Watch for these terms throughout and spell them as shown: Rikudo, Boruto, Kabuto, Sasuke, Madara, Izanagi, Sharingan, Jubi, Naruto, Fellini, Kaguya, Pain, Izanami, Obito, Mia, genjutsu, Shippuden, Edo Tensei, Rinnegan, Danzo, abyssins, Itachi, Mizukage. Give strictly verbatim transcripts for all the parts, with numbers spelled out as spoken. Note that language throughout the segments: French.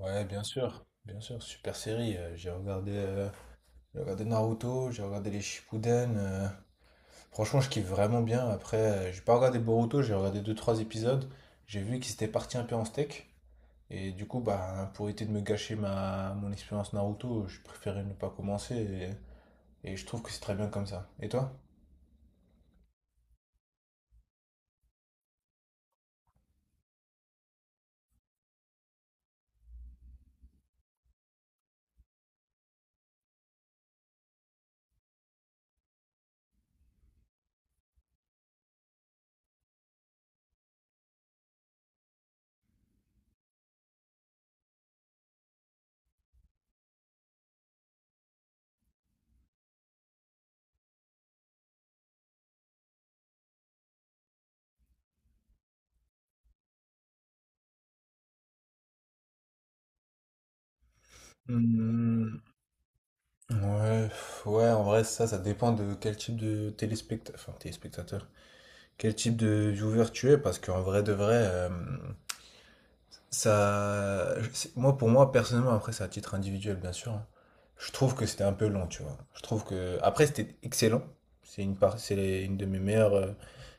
Ouais, bien sûr, bien sûr, super série. euh, J'ai regardé, euh, j'ai regardé Naruto, j'ai regardé les Shippuden. Euh, franchement, je kiffe vraiment bien. Après, euh, j'ai pas regardé Boruto, j'ai regardé deux trois épisodes. J'ai vu qu'ils étaient partis un peu en steak. Et du coup, bah, pour éviter de me gâcher ma, mon expérience Naruto, je préférais ne pas commencer. Et, et je trouve que c'est très bien comme ça. Et toi? Hmm. Ouais, pff, ouais, en vrai, ça, ça dépend de quel type de téléspectateur, enfin, téléspectateur, quel type de viewer tu es, parce qu'en vrai de vrai, Ça, c'est- moi, pour moi, personnellement, après, c'est à titre individuel, bien sûr, hein. Je trouve que c'était un peu long, tu vois. Je trouve que, après, c'était excellent. C'est une par- c'est les- Une de mes meilleures, euh,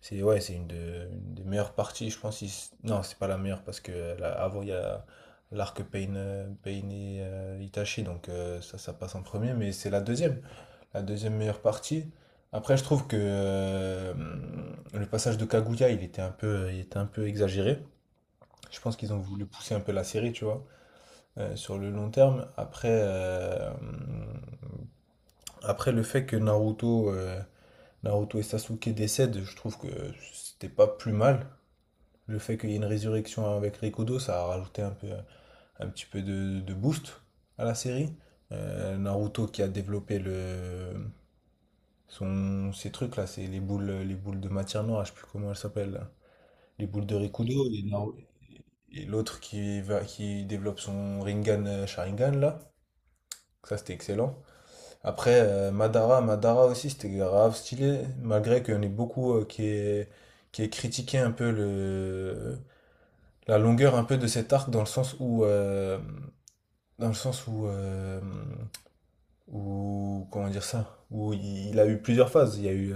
c'est ouais, c'est une, de- une des meilleures parties, je pense. si- Non, c'est pas la meilleure parce que là, avant, il y a l'arc Pain, euh, Pain et euh, Itachi, donc euh, ça, ça passe en premier, mais c'est la deuxième, la deuxième meilleure partie. Après, je trouve que euh, le passage de Kaguya, il était un peu, il était un peu exagéré. Je pense qu'ils ont voulu pousser un peu la série, tu vois, euh, sur le long terme. Après, euh, après le fait que Naruto, euh, Naruto et Sasuke décèdent, je trouve que c'était pas plus mal. Le fait qu'il y ait une résurrection avec Rikudo, ça a rajouté un peu, un petit peu de, de boost à la série. Euh, Naruto qui a développé le, son, ces trucs-là, c'est les boules, les boules de matière noire, je sais plus comment elles s'appellent. Là. Les boules de Rikudo et non, et l'autre qui va, qui développe son Rinnegan euh, Sharingan là. Ça c'était excellent. Après euh, Madara, Madara aussi c'était grave stylé, malgré qu'on ait beaucoup euh, qui est qui est critiqué un peu le la longueur un peu de cet arc dans le sens où euh, dans le sens où euh, ou comment dire ça, où il, il a eu plusieurs phases. Il y a eu,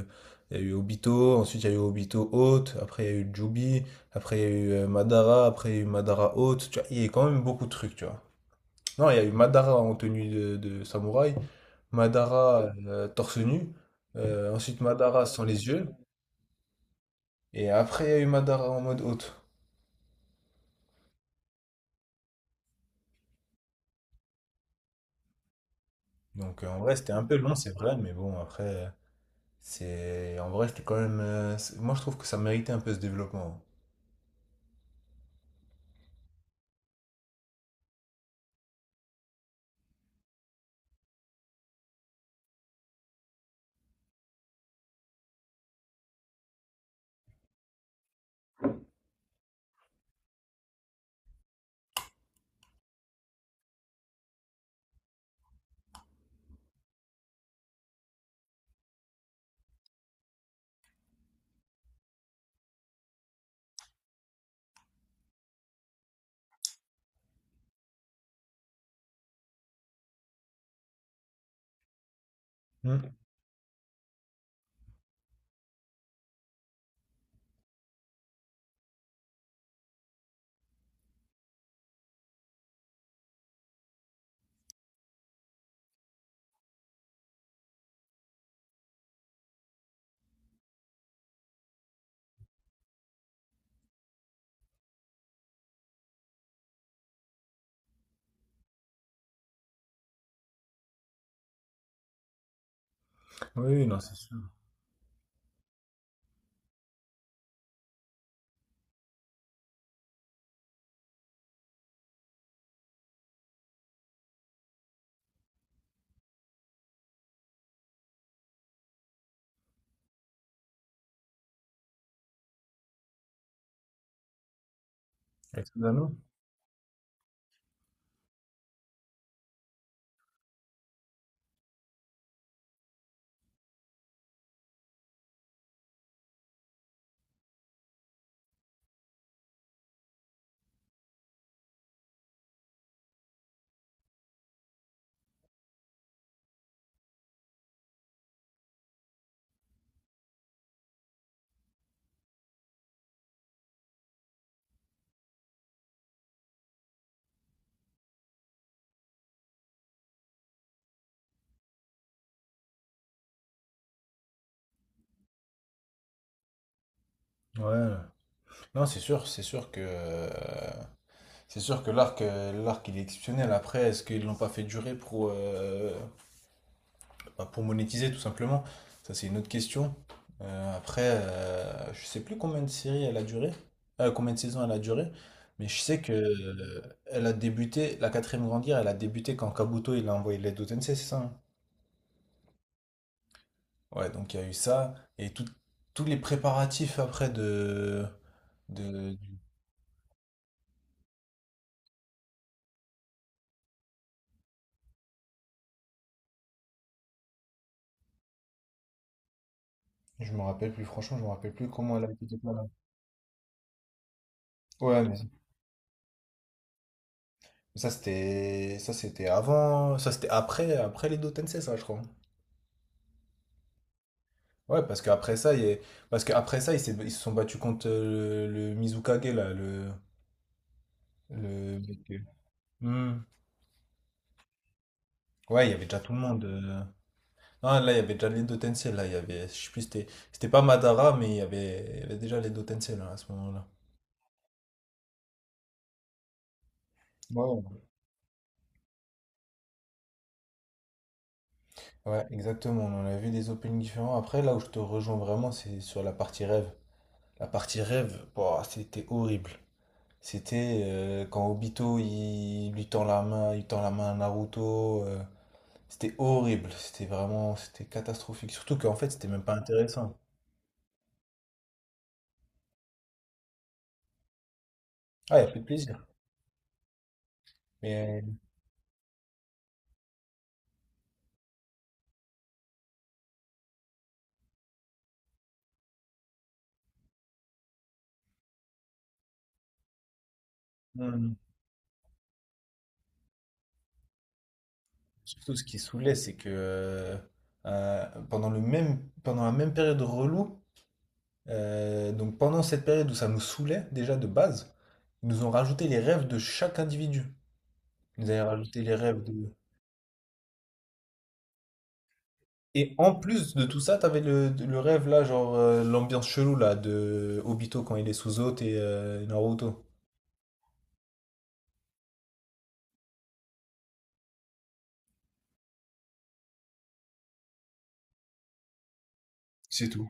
Il y a eu Obito, ensuite il y a eu Obito Haute, après il y a eu Jubi, après il y a eu euh, Madara, après il y a eu Madara Haute, tu vois, il y a quand même beaucoup de trucs, tu vois. Non, il y a eu Madara en tenue de, de samouraï, Madara euh, torse nu, euh, ensuite Madara sans les yeux, et après il y a eu Madara en mode Haute. Donc euh, en vrai c'était un peu long, c'est vrai, mais bon après euh, c'est en vrai c'était quand même euh, c'est- moi je trouve que ça méritait un peu ce développement. Hmm. Oui, oui, non, c'est sûr. Personnellement? Ouais. Non, c'est sûr, c'est sûr que euh, c'est sûr que l'arc euh, l'arc il est exceptionnel. Après, est-ce qu'ils l'ont pas fait durer pour euh, bah, pour monétiser tout simplement? Ça, c'est une autre question. Euh, après, euh, je sais plus combien de séries elle a duré, euh, combien de saisons elle a duré, mais je sais que euh, elle a débuté la quatrième grande guerre. Elle a débuté quand Kabuto il a envoyé l'aide au Tensei, c'est ça, hein? Ouais, donc il y a eu ça et tout- tous les préparatifs après de de, Je me rappelle plus, franchement, je me rappelle plus comment elle a été déclarée. Ouais, mais ça c'était ça c'était avant, ça c'était après après les deux Tensei, ça je crois. Ouais, parce qu'après ça, il est... parce qu'après ça, ils s'est- ils se sont battus contre euh, le, le Mizukage là, le le mec, euh, hmm. Ouais, il y avait déjà tout le monde, euh. Non, là, il y avait déjà les deux Tensei là, il y avait je sais plus c'était c'était pas Madara mais il y avait il y avait déjà les deux Tensei là à ce moment-là. Ouais, ouais, Ouais, exactement, on en a vu des openings différents. Après, là où je te rejoins vraiment, c'est sur la partie rêve. La partie rêve, boah, c'était horrible. C'était euh, quand Obito il lui tend la main, il tend la main à Naruto. Euh, c'était horrible, c'était vraiment, c'était catastrophique. Surtout qu'en fait, c'était même pas intéressant. Ah, il a plus de plaisir. Mais euh, surtout, ce qui saoulait, c'est que euh, euh, pendant le même, pendant la même période relou, euh, donc pendant cette période où ça nous saoulait déjà de base, ils nous ont rajouté les rêves de chaque individu. Ils nous avaient rajouté les rêves de Et en plus de tout ça, t'avais le, le rêve là, genre euh, l'ambiance chelou là de Obito quand il est sous eau et euh, Naruto. C'est tout.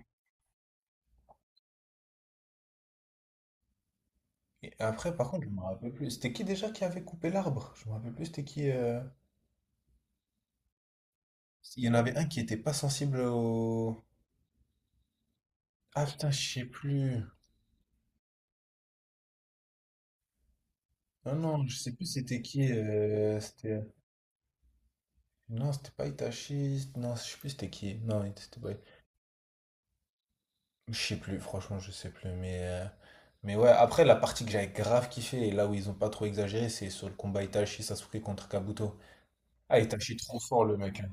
Et après, par contre, je me rappelle plus. C'était qui déjà qui avait coupé l'arbre? Je me rappelle plus, c'était qui, euh, il y en avait un qui était pas sensible au. Ah putain, je sais plus. Non, non, je sais plus c'était qui, euh, c'était. Non, c'était pas Itachi. Non, je sais plus c'était qui. Non, c'était pas. Je sais plus, franchement, je sais plus. Mais, euh, mais ouais, après, la partie que j'avais grave kiffé, et là où ils ont pas trop exagéré, c'est sur le combat Itachi Sasuke contre Kabuto. Ah, Itachi, trop fort, le mec, hein.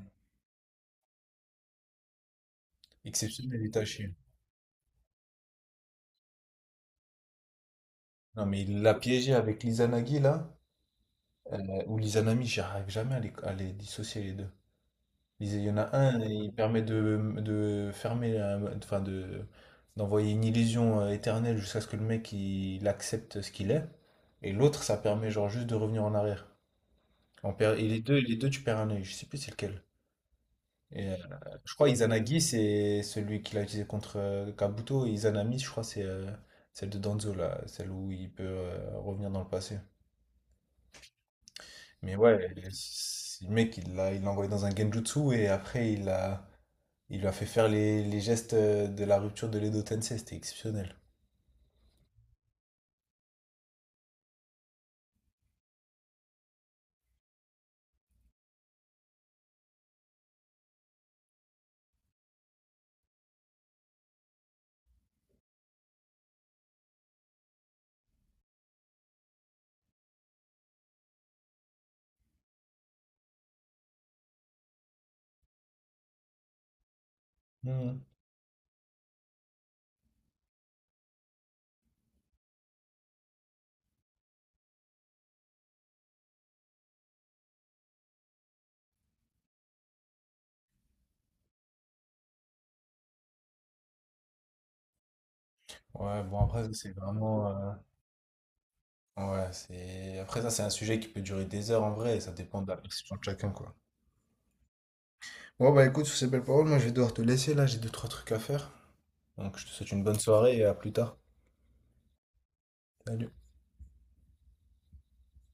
Exceptionnel, Itachi. Non, mais il l'a piégé avec l'Izanagi, là, euh, ou l'Izanami, j'arrive jamais à les, à les dissocier, les deux. Il y en a un, il permet de, de fermer, un- enfin, de, d'envoyer une illusion euh, éternelle jusqu'à ce que le mec, il, il accepte ce qu'il est. Et l'autre, ça permet, genre, juste de revenir en arrière. On perd, et les deux, les deux, tu perds un œil. Je sais plus c'est lequel. Et, euh, je crois Izanagi, c'est celui qu'il a utilisé contre euh, Kabuto. Et Izanami, je crois, c'est euh, celle de Danzo, là, celle où il peut euh, revenir dans le passé. Mais ouais, c'est- le mec, il l'a il l'a envoyé dans un genjutsu et après, il a, il lui a fait faire les, les gestes euh, de la rupture de l'Edo Tensei. C'était exceptionnel. Mhm. Ouais, bon, après, ça, c'est vraiment, euh, ouais, c'est. Après, ça, c'est un sujet qui peut durer des heures en vrai, et ça dépend de la perception de chacun, quoi. Ouais, bah écoute, sur ces belles paroles, moi je vais devoir te laisser là, j'ai deux, trois trucs à faire. Donc je te souhaite une bonne soirée et à plus tard. Salut.